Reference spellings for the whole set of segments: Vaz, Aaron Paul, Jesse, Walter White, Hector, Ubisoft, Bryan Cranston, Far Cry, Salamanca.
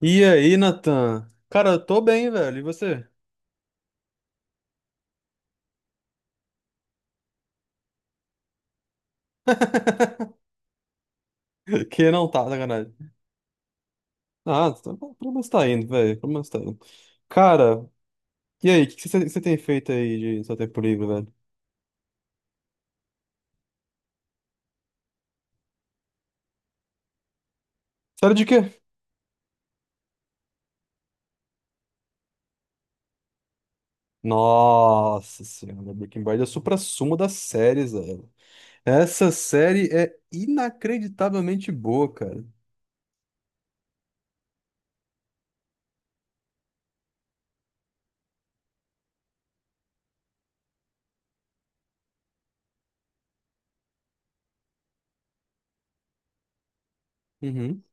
E aí, Natan? Cara, eu tô bem, velho. E você? Que não tá, sacanagem. Ah, tá pelo menos tá indo, velho. Pelo menos tá indo. Cara, e aí? O que que você tem feito aí de seu tempo livre, velho? Série de quê? Nossa senhora, Breaking Bad é o suprassumo das séries, velho. Essa série é inacreditavelmente boa, cara. Uhum.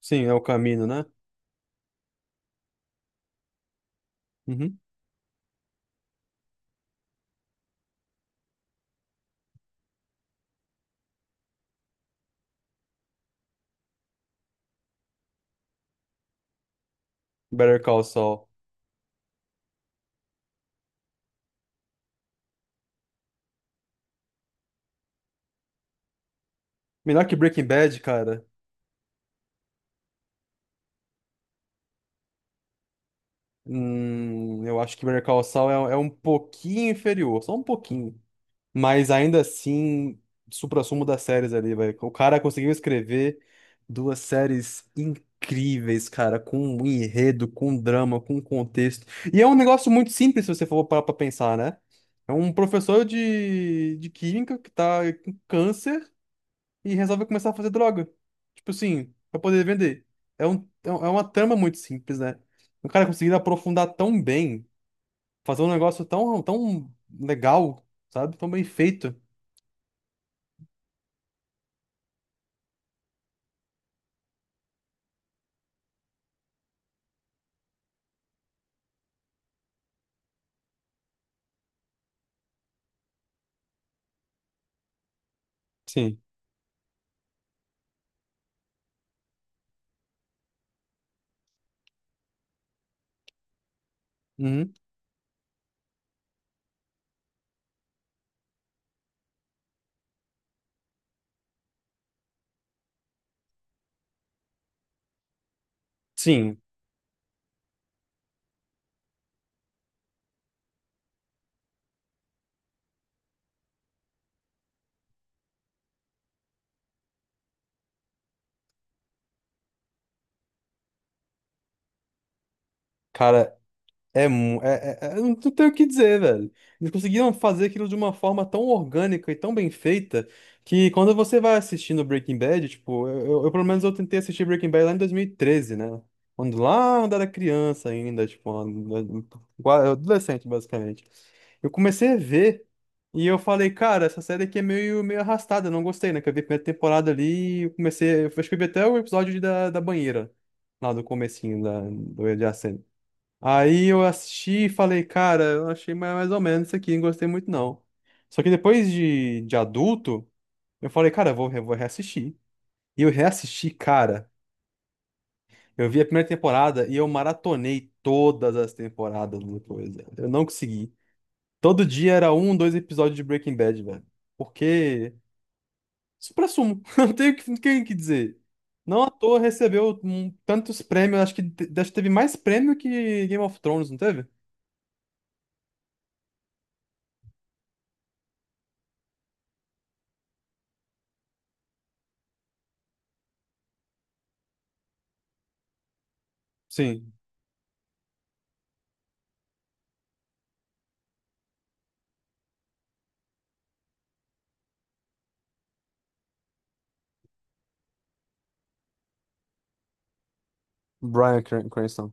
Sim, é o caminho, né? Uhum. Better Call Saul. Melhor que Breaking Bad, cara. Eu acho que Better Call Saul é um pouquinho inferior, só um pouquinho. Mas ainda assim, suprassumo das séries ali, velho. O cara conseguiu escrever duas séries incríveis, cara, com um enredo, com um drama, com um contexto. E é um negócio muito simples, se você for parar pra pensar, né? É um professor de química que tá com câncer e resolve começar a fazer droga. Tipo assim, pra poder vender. É uma trama muito simples, né? O cara conseguir aprofundar tão bem, fazer um negócio tão, tão legal, sabe? Tão bem feito. Sim. Uhum. Sim, cara, Eu não tenho o que dizer, velho. Eles conseguiram fazer aquilo de uma forma tão orgânica e tão bem feita que quando você vai assistindo Breaking Bad, tipo, pelo menos eu tentei assistir Breaking Bad lá em 2013, né? Quando lá eu era criança ainda, tipo, adolescente, basicamente. Eu comecei a ver e eu falei, cara, essa série aqui é meio, meio arrastada, eu não gostei, né? Que eu vi a primeira temporada ali e eu comecei, eu acho que eu vi até o episódio da banheira, lá do comecinho da, do adjacente. Aí eu assisti e falei, cara, eu achei mais, mais ou menos isso aqui, não gostei muito não. Só que depois de adulto, eu falei, cara, eu vou reassistir. E eu reassisti, cara. Eu vi a primeira temporada e eu maratonei todas as temporadas depois, velho. Eu não consegui. Todo dia era um, dois episódios de Breaking Bad, velho. Porque, supra não tenho o que, não tenho o que dizer. Não à toa recebeu tantos prêmios, acho que, acho que teve mais prêmio que Game of Thrones, não teve? Sim. Cranston.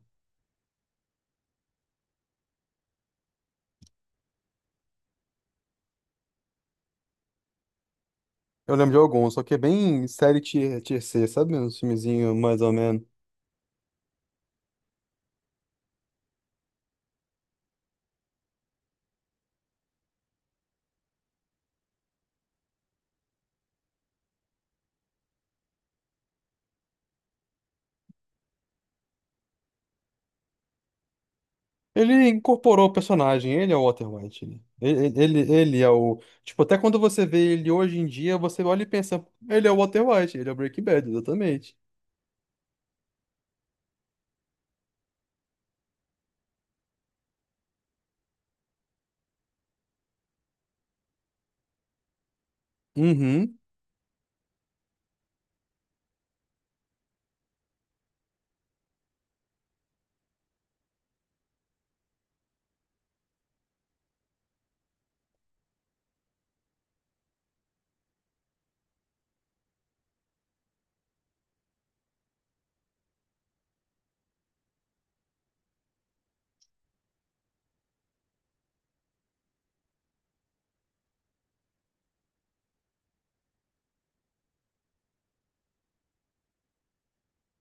Eu lembro de alguns, só que é bem série tier, tier C, sabe? Um filmezinho mais ou menos. Ele incorporou o personagem, ele é o Walter White, né? Ele é o. Tipo, até quando você vê ele hoje em dia, você olha e pensa, ele é o Walter White, ele é o Breaking Bad, exatamente. Uhum.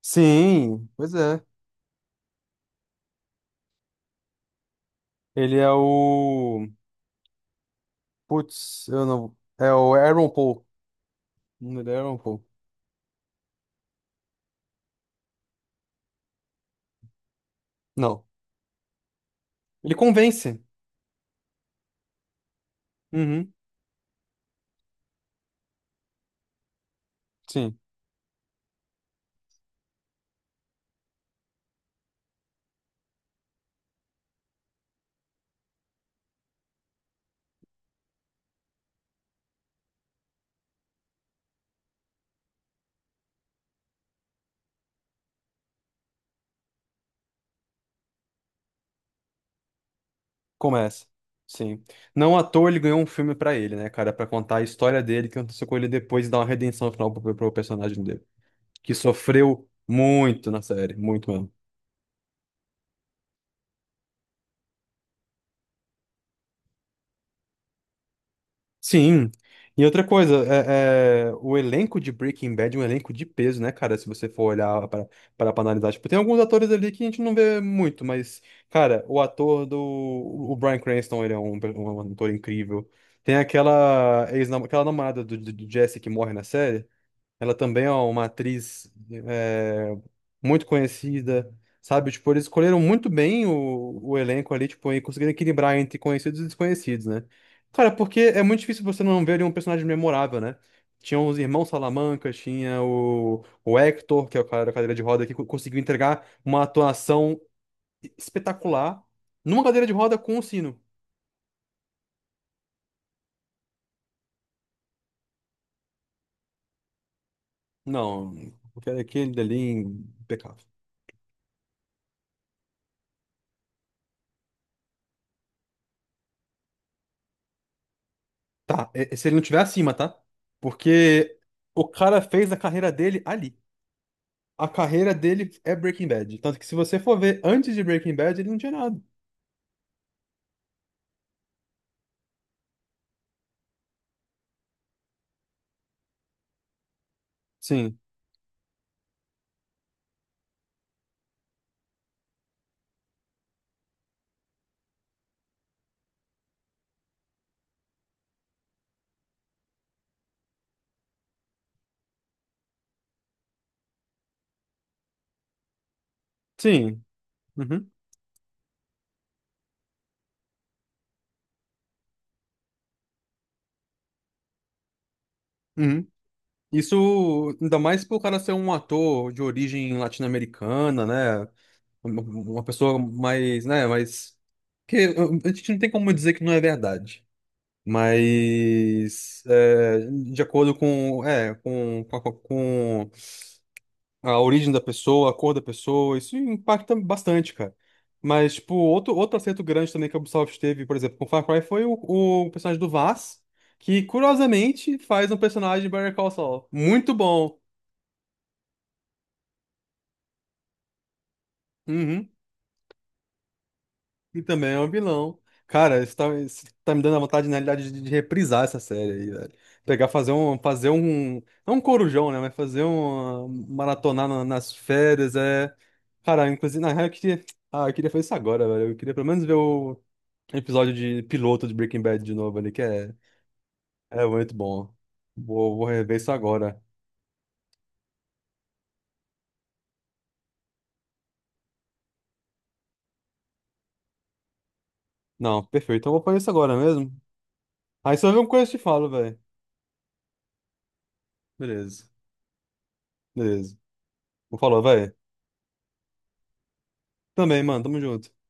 Sim, pois é. Ele é o. Putz, eu não. É o Aaron Paul. Não, ele é Aaron Paul. Não. Ele convence. Uhum. Sim. Começa. Sim. Não à toa ele ganhou um filme pra ele, né, cara? Pra contar a história dele, que aconteceu com ele depois e dar uma redenção no final pro, pro personagem dele. Que sofreu muito na série, muito mesmo. Sim. E outra coisa, o elenco de Breaking Bad é um elenco de peso, né, cara? Se você for olhar para analisar. Tipo, tem alguns atores ali que a gente não vê muito, mas, cara, o ator do. O Bryan Cranston, ele é um ator incrível. Tem aquela, ex aquela namorada do, do Jesse que morre na série. Ela também é uma atriz é, muito conhecida, sabe? Tipo, eles escolheram muito bem o elenco ali, tipo, e conseguiram equilibrar entre conhecidos e desconhecidos, né? Cara, porque é muito difícil você não ver ali um personagem memorável, né? Tinha os irmãos Salamanca, tinha o Hector, que é o cara da cadeira de roda, que conseguiu entregar uma atuação espetacular numa cadeira de roda com o sino. Não, aquele dali, impecável. Tá, é se ele não tiver acima, tá? Porque o cara fez a carreira dele ali. A carreira dele é Breaking Bad. Tanto que se você for ver antes de Breaking Bad, ele não tinha nada. Sim, sim. Uhum. Uhum. Isso, ainda mais pro cara ser um ator de origem latino-americana, né? Uma pessoa mais, né, mais... Que a gente não tem como dizer que não é verdade. Mas, é, de acordo com, é, com a origem da pessoa, a cor da pessoa, isso impacta bastante, cara. Mas, tipo, outro acerto grande também que a Ubisoft teve, por exemplo, com Far Cry foi o personagem do Vaz, que curiosamente faz um personagem de Better Call Saul. Muito bom. Uhum. E também é um vilão. Cara, isso tá me dando a vontade, na realidade, de reprisar essa série aí, velho. Pegar, fazer um, não um corujão, né, mas fazer um maratonar nas férias, é... Cara, inclusive, na real, eu queria fazer isso agora, velho. Eu queria pelo menos ver o episódio de piloto de Breaking Bad de novo ali, é muito bom. Vou rever isso agora. Não, perfeito. Então eu vou fazer isso agora mesmo. Aí se eu ver uma coisa eu te falo, velho. Beleza, beleza. Vou falar, velho. Também, mano. Tamo junto.